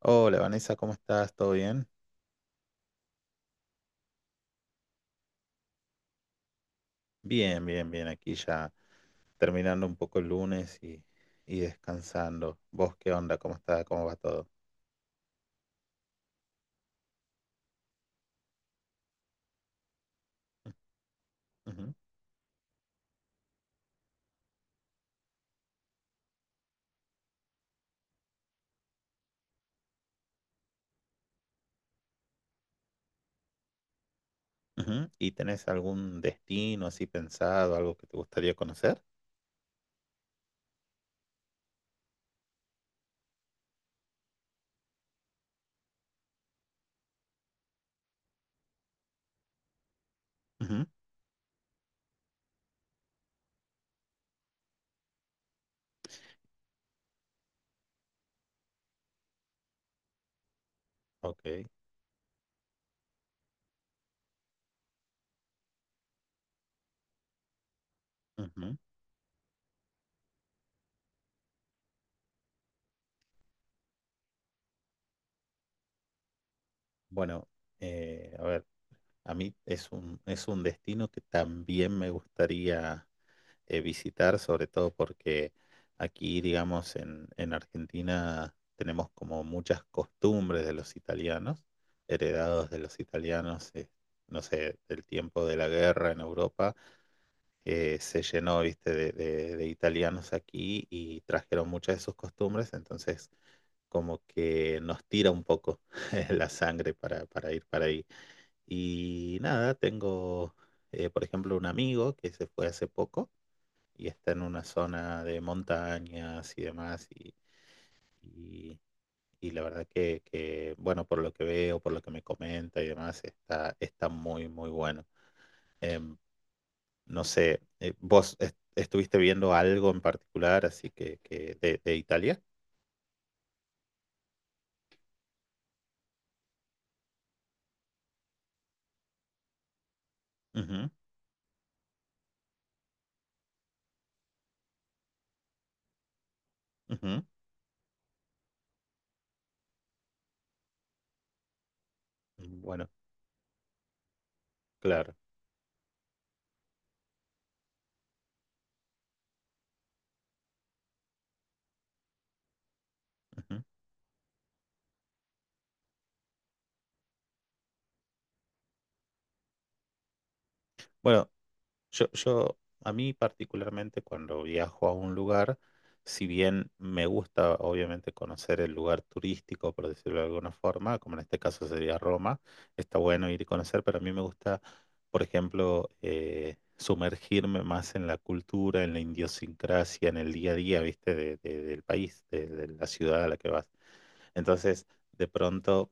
Hola Vanessa, ¿cómo estás? ¿Todo bien? Bien, bien, bien. Aquí ya terminando un poco el lunes y descansando. ¿Vos qué onda? ¿Cómo está? ¿Cómo va todo? Ujú. Ujú. ¿Y tenés algún destino así pensado, algo que te gustaría conocer? Ujú. Ok. Ujú. Bueno, a ver, a mí es un destino que también me gustaría visitar, sobre todo porque aquí, digamos, en Argentina tenemos como muchas costumbres de los italianos, heredados de los italianos, no sé, del tiempo de la guerra en Europa, que se llenó, viste, de italianos aquí y trajeron muchas de sus costumbres, entonces como que nos tira un poco la sangre para ir para ahí. Y nada, tengo, por ejemplo, un amigo que se fue hace poco y está en una zona de montañas y demás. Y- y la verdad que, bueno, por lo que veo, por lo que me comenta y demás, está muy, muy bueno. Em, no sé, ¿vos estuviste viendo algo en particular así que de Italia? Ujú. Ujú. Bueno, claro. Ujú. Bueno, Yo, yo, a mí particularmente cuando viajo a un lugar, si bien me gusta obviamente conocer el lugar turístico, por decirlo de alguna forma, como en este caso sería Roma, está bueno ir y conocer, pero a mí me gusta, por ejemplo, sumergirme más en la cultura, en la idiosincrasia, en el día a día, ¿viste? del país, de la ciudad a la que vas. Entonces, de pronto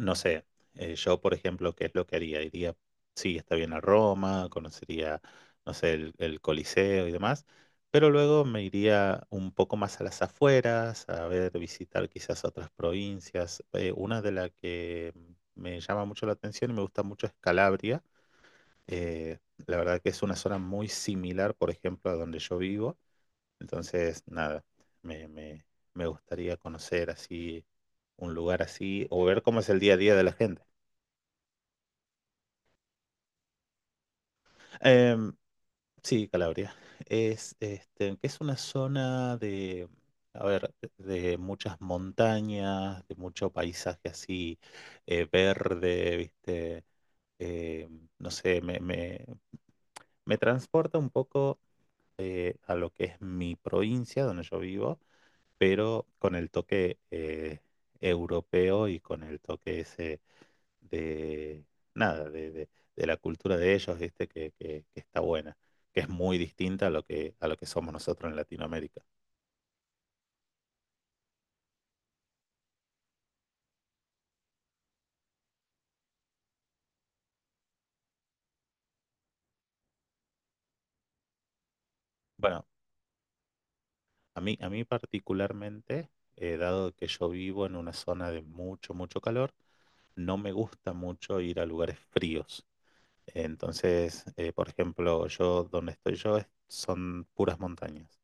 no sé, yo por ejemplo, ¿qué es lo que haría? Iría, sí, está bien a Roma, conocería, no sé, el Coliseo y demás, pero luego me iría un poco más a las afueras, a ver, visitar quizás otras provincias. Una de las que me llama mucho la atención y me gusta mucho es Calabria. Eh, la verdad que es una zona muy similar, por ejemplo, a donde yo vivo. Entonces, nada, me, me me gustaría conocer así un lugar así o ver cómo es el día a día de la gente. Em, sí, Calabria. Es una zona a ver, de muchas montañas, de mucho paisaje así verde, ¿viste? Eh, no sé, me transporta un poco a lo que es mi provincia, donde yo vivo, pero con el toque europeo y con el toque ese de nada, de la cultura de ellos, ¿viste? Que está buena, que es muy distinta a lo que somos nosotros en Latinoamérica. Bueno, a mí particularmente, dado que yo vivo en una zona de mucho, mucho calor, no me gusta mucho ir a lugares fríos. Entonces, por ejemplo, yo donde estoy son puras montañas.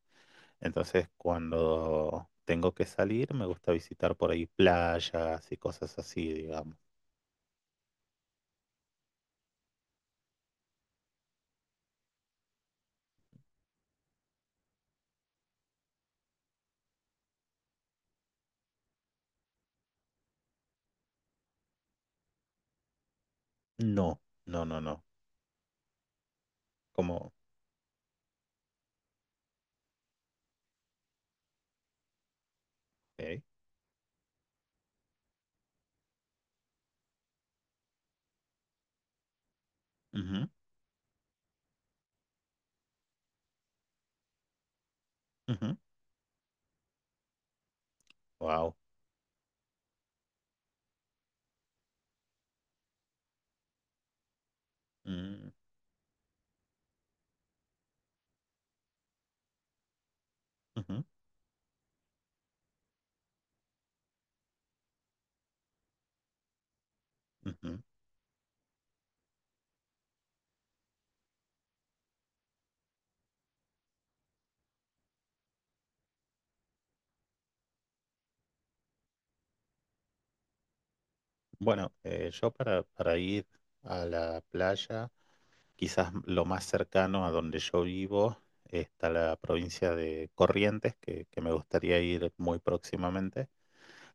Entonces, cuando tengo que salir, me gusta visitar por ahí playas y cosas así, digamos. No, no, no, no. Como, ok, ujú, ujú, wow. Mm, ujú. Bueno, yo para ir a la playa, quizás lo más cercano a donde yo vivo está la provincia de Corrientes, que me gustaría ir muy próximamente,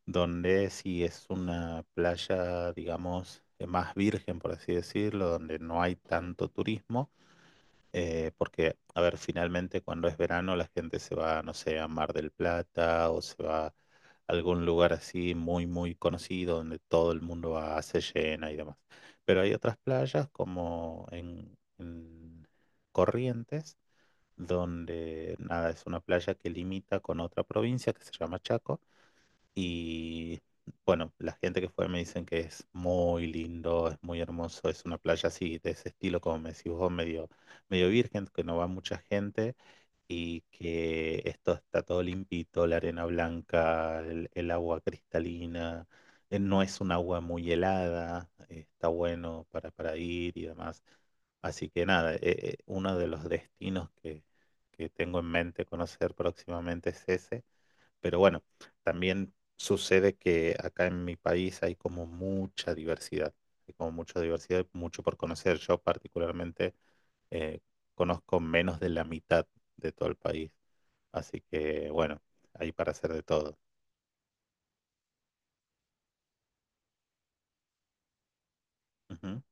donde sí es una playa, digamos, más virgen, por así decirlo, donde no hay tanto turismo. Porque, a ver, finalmente cuando es verano la gente se va, no sé, a Mar del Plata o se va a algún lugar así muy, muy conocido donde todo el mundo va, se llena y demás. Pero hay otras playas como en Corrientes, donde, nada, es una playa que limita con otra provincia que se llama Chaco y bueno, la gente que fue me dicen que es muy lindo, es muy hermoso, es una playa así, de ese estilo, como me decís vos, medio, medio virgen, que no va mucha gente y que esto está todo limpito, la arena blanca, el agua cristalina, no es un agua muy helada, está bueno para ir y demás. Así que nada, uno de los destinos que tengo en mente conocer próximamente es ese. Pero bueno, también sucede que acá en mi país hay como mucha diversidad, mucho por conocer. Yo particularmente eh, conozco menos de la mitad de todo el país, así que bueno, hay para hacer de todo. Ujú.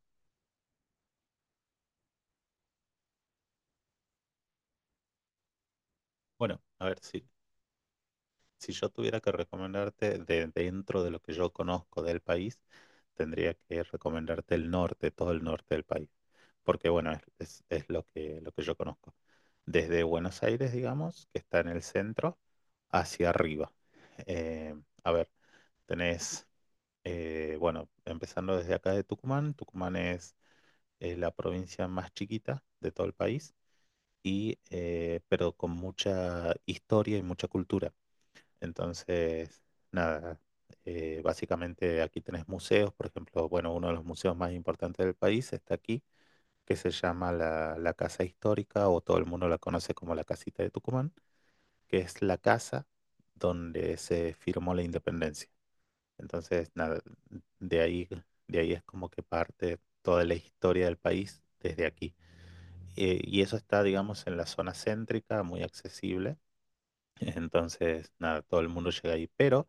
Bueno, a ver, si yo tuviera que recomendarte de dentro de lo que yo conozco del país, tendría que recomendarte el norte, todo el norte del país. Porque bueno, es lo que yo conozco. Desde Buenos Aires, digamos, que está en el centro, hacia arriba. Eh, a ver, tenés, bueno, empezando desde acá de Tucumán, Tucumán es la provincia más chiquita de todo el país, pero con mucha historia y mucha cultura. Entonces, nada, básicamente aquí tenés museos, por ejemplo, bueno, uno de los museos más importantes del país está aquí que se llama la Casa Histórica, o todo el mundo la conoce como la Casita de Tucumán, que es la casa donde se firmó la independencia. Entonces, nada, de ahí, de ahí es como que parte toda la historia del país desde aquí. Y eso está, digamos, en la zona céntrica, muy accesible. Entonces, nada, todo el mundo llega ahí. Pero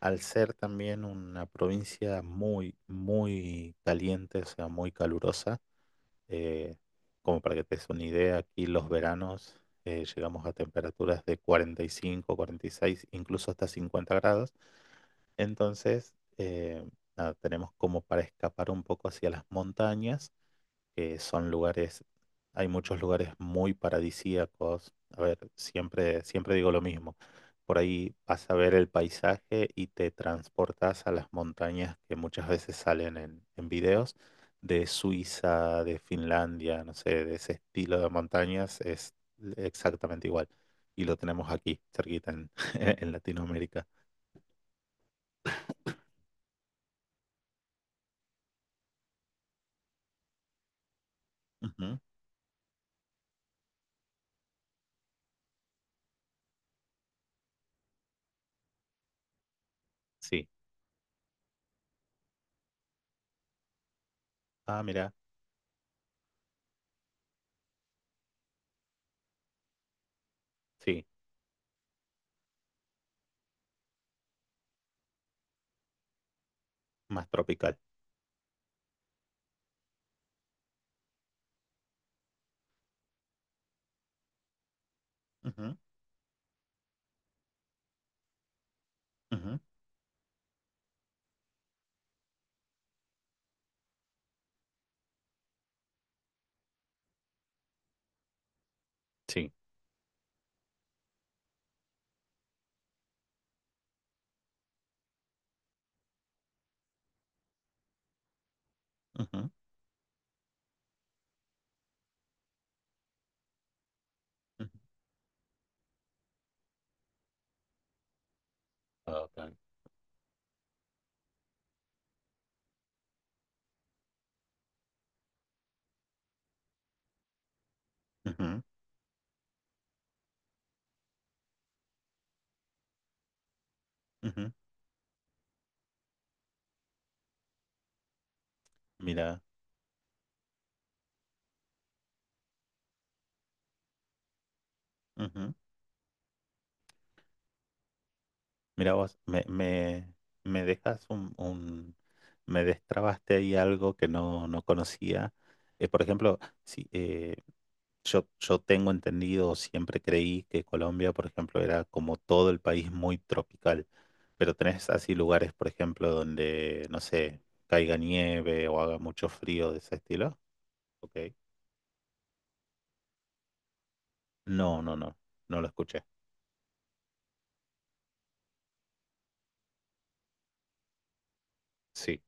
al ser también una provincia muy, muy caliente, o sea, muy calurosa, eh, como para que te des una idea, aquí los veranos llegamos a temperaturas de 40, 45, 46, incluso hasta 50 grados. Entonces, nada, tenemos como para escapar un poco hacia las montañas que son lugares, hay muchos lugares muy paradisíacos. A ver, siempre, siempre digo lo mismo. Por ahí vas a ver el paisaje y te transportas a las montañas que muchas veces salen en videos de Suiza, de Finlandia, no sé, de ese estilo de montañas es exactamente igual. Y lo tenemos aquí, cerquita en, en Latinoamérica. Ujú. Sí. Ah, mira, sí, más tropical. Ujú. Ujú. Sí. Ujú. Ujú. Ok. Ujú. Ujú. Mira, ujú. Mira vos, me dejas me destrabaste ahí algo que no conocía. Por ejemplo, sí, yo tengo entendido, siempre creí que Colombia, por ejemplo, era como todo el país muy tropical, pero tenés así lugares, por ejemplo, donde, no sé, caiga nieve o haga mucho frío de ese estilo. Ok. No, no, no, no lo escuché. Sí.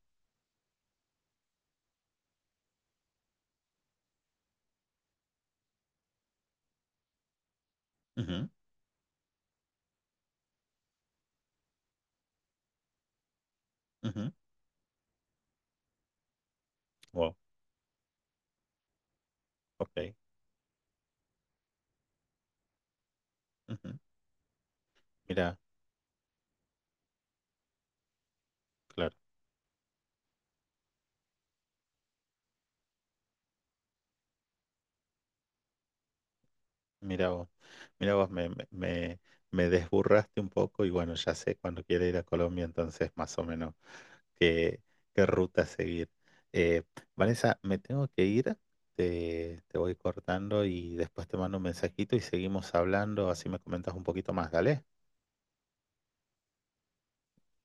Ujú. Ujú. Wow, ok. Ujú. Mira, claro, mira vos, mira vos, me desburraste un poco y bueno, ya sé cuando quiera ir a Colombia, entonces más o menos qué, qué ruta seguir. Eh, Vanessa, me tengo que ir, te voy cortando y después te mando un mensajito y seguimos hablando, así me comentas un poquito más, ¿dale?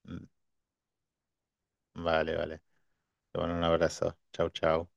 Mm. Vale, vale. Te mando un abrazo. Chau, chau.